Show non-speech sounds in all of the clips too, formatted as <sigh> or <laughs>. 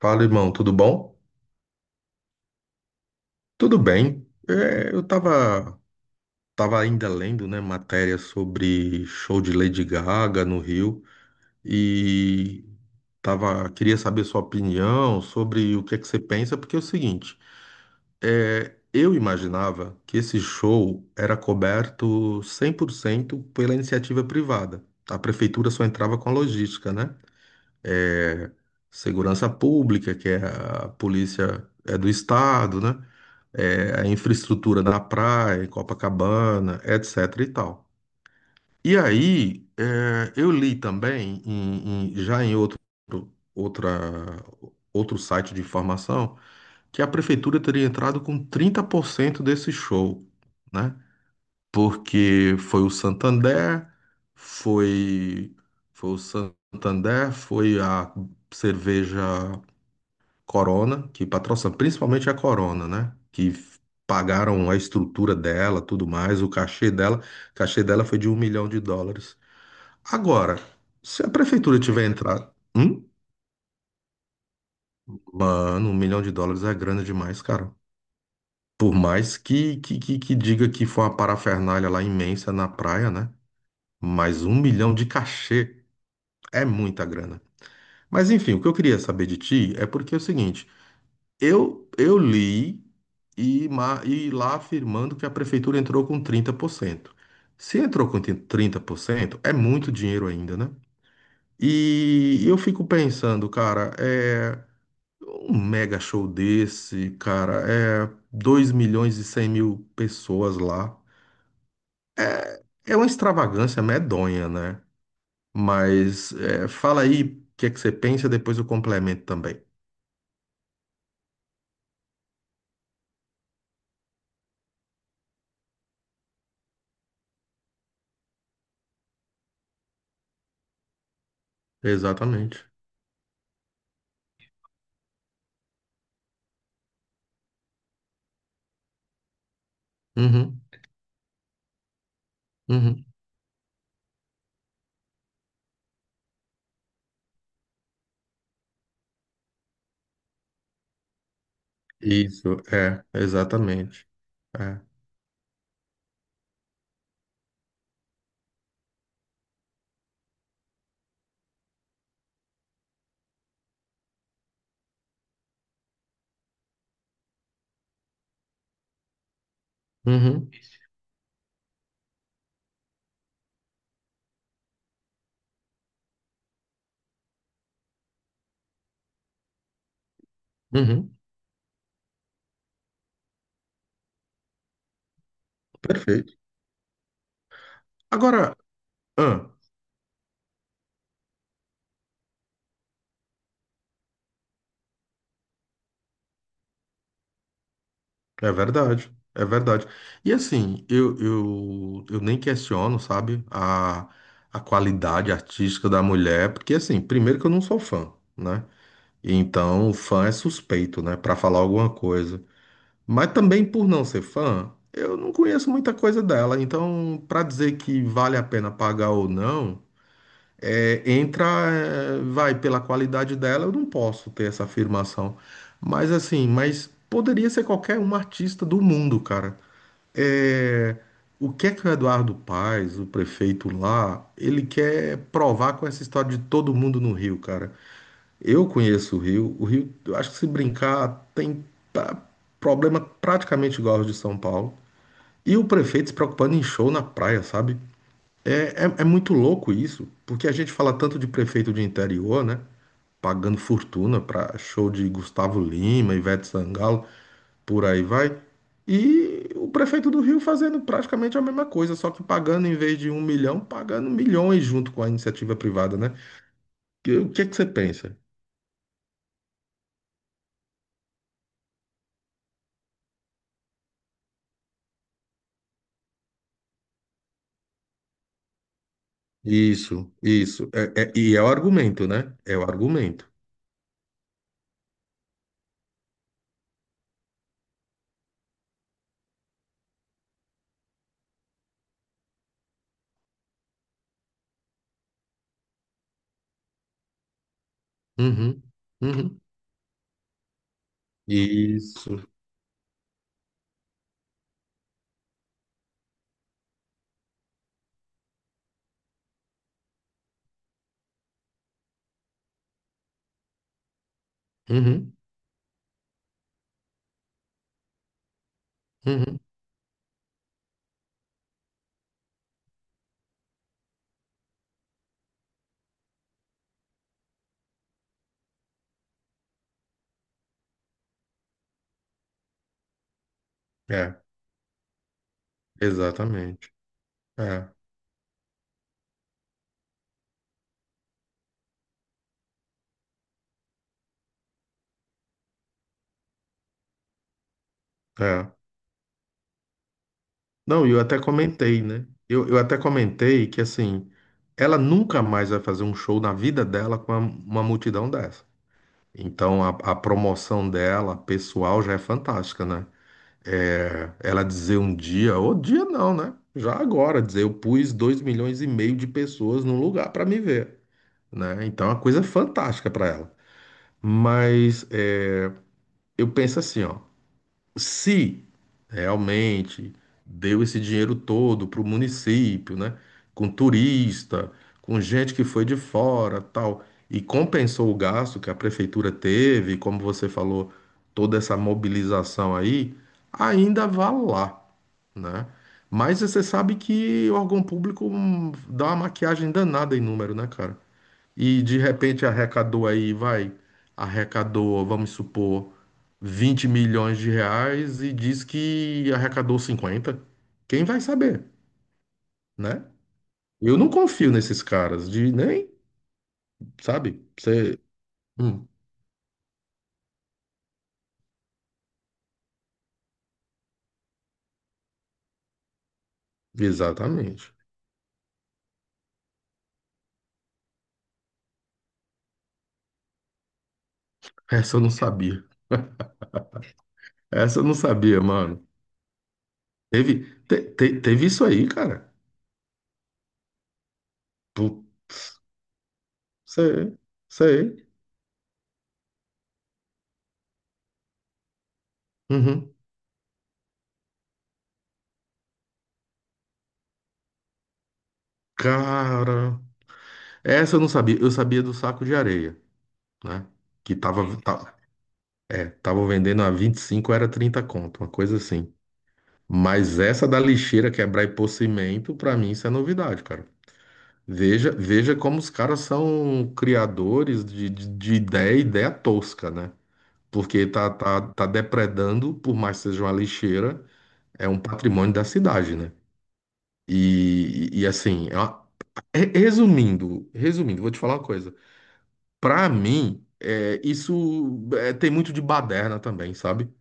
Fala, irmão, tudo bom? Tudo bem. É, eu tava ainda lendo, né, matéria sobre show de Lady Gaga no Rio e tava, queria saber sua opinião sobre o que é que você pensa, porque é o seguinte, é, eu imaginava que esse show era coberto 100% pela iniciativa privada. A prefeitura só entrava com a logística, né? É, segurança pública, que é a polícia é do estado, né? É, a infraestrutura da praia, Copacabana, etc. e tal. E aí, é, eu li também, já em outro, outra, outro site de informação, que a prefeitura teria entrado com 30% desse show, né? Porque foi o Santander, foi, foi o Santander, foi a cerveja Corona, que patrocina principalmente a Corona, né? Pagaram a estrutura dela, tudo mais, o cachê dela. O cachê dela foi de US$ 1 milhão. Agora, se a prefeitura tiver entrado. Hum? Mano, US$ 1 milhão é grana demais, cara. Por mais que diga que foi uma parafernália lá imensa na praia, né? Mas 1 milhão de cachê é muita grana. Mas enfim, o que eu queria saber de ti é porque é o seguinte. Eu li e, e lá afirmando que a prefeitura entrou com 30%. Se entrou com 30%, é muito dinheiro ainda, né? E eu fico pensando, cara, é um mega show desse, cara, é 2,1 milhões pessoas lá. É uma extravagância medonha, né? Mas é, fala aí o que é que você pensa, depois eu complemento também. Exatamente. Uhum, uhum. Isso, é, exatamente. É. Uhum, uhum, perfeito. Agora, ah, é verdade, é verdade. E assim, eu nem questiono, sabe, a qualidade artística da mulher, porque assim, primeiro que eu não sou fã, né? Então, fã é suspeito, né, pra falar alguma coisa. Mas também por não ser fã, eu não conheço muita coisa dela. Então, pra dizer que vale a pena pagar ou não. É, entra, é, vai, pela qualidade dela, eu não posso ter essa afirmação. Mas assim, mas poderia ser qualquer um artista do mundo, cara. É, o que é que o Eduardo Paes, o prefeito lá, ele quer provar com essa história de todo mundo no Rio, cara? Eu conheço o Rio, eu acho que se brincar, tem pa- problema praticamente igual aos de São Paulo. E o prefeito se preocupando em show na praia, sabe? É muito louco isso, porque a gente fala tanto de prefeito de interior, né? Pagando fortuna para show de Gustavo Lima, Ivete Sangalo, por aí vai. E o prefeito do Rio fazendo praticamente a mesma coisa, só que pagando em vez de 1 milhão, pagando milhões junto com a iniciativa privada, né? E o que é que você pensa? Isso, isso. E é o argumento, né? É o argumento. Uhum, uhum. Isso. Uhum, uhum. É, exatamente. É, é. Não, eu até comentei, né? Eu até comentei que, assim, ela nunca mais vai fazer um show na vida dela com uma multidão dessa. Então, a promoção dela, pessoal, já é fantástica, né? É, ela dizer um dia, ou dia não, né? Já agora, dizer, eu pus 2,5 milhões de pessoas num lugar para me ver, né? Então, é uma coisa fantástica para ela. Mas é, eu penso assim, ó, se realmente deu esse dinheiro todo para o município, né? Com turista, com gente que foi de fora, tal, e compensou o gasto que a prefeitura teve, como você falou, toda essa mobilização aí, ainda vá lá, né? Mas você sabe que o órgão público dá uma maquiagem danada em número, né, cara? E de repente arrecadou aí, vai, arrecadou, vamos supor, 20 milhões de reais e diz que arrecadou 50. Quem vai saber, né? Eu não confio nesses caras de nem, sabe? Você. Hum, exatamente. Essa eu não sabia. Essa eu não sabia, mano. Teve, teve isso aí, cara. Putz, sei, sei. Uhum. Cara, essa eu não sabia. Eu sabia do saco de areia, né? Que tava, é, tava vendendo a 25, era 30 conto, uma coisa assim. Mas essa da lixeira quebrar e pôr cimento, pra mim isso é novidade, cara. Veja, veja como os caras são criadores de ideia tosca, né? Porque tá depredando, por mais que seja uma lixeira, é um patrimônio da cidade, né? E assim, resumindo, vou te falar uma coisa. Pra mim, é, isso é, tem muito de baderna também, sabe?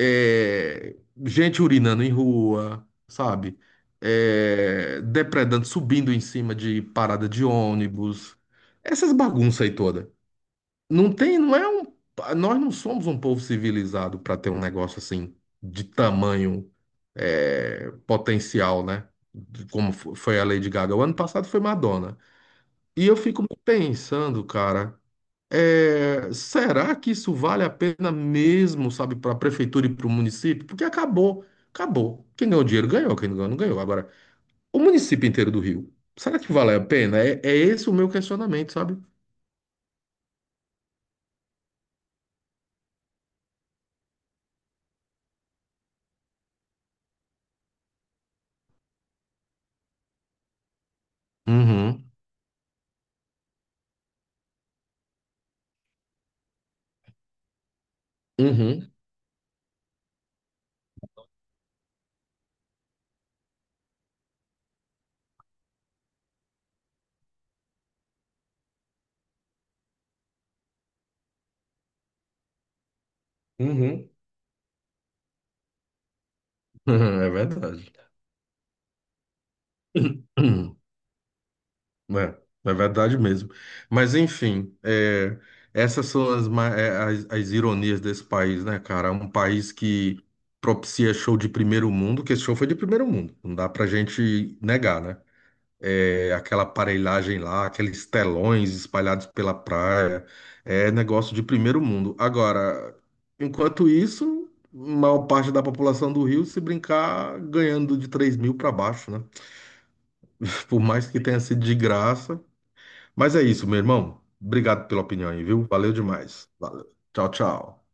É, gente urinando em rua, sabe? É, depredando, subindo em cima de parada de ônibus, essas bagunças aí toda. Não tem, não é um, nós não somos um povo civilizado para ter um negócio assim de tamanho, é, potencial, né? De como foi a Lady Gaga. O ano passado foi Madonna. E eu fico pensando, cara. É, será que isso vale a pena mesmo, sabe, para a prefeitura e para o município? Porque acabou, acabou. Quem ganhou dinheiro ganhou, quem não ganhou não ganhou. Agora, o município inteiro do Rio, será que vale a pena? É, é esse o meu questionamento, sabe? Uhum, uhum, uhum. <laughs> É verdade. <clears throat> É, é verdade mesmo. Mas enfim, é, essas são as, é, as ironias desse país, né, cara? Um país que propicia show de primeiro mundo, que esse show foi de primeiro mundo, não dá pra gente negar, né? É, aquela aparelhagem lá, aqueles telões espalhados pela praia, é negócio de primeiro mundo. Agora, enquanto isso, maior parte da população do Rio, se brincar, ganhando de 3 mil para baixo, né? <laughs> Por mais que tenha sido de graça. Mas é isso, meu irmão. Obrigado pela opinião aí, viu? Valeu demais. Valeu. Tchau, tchau.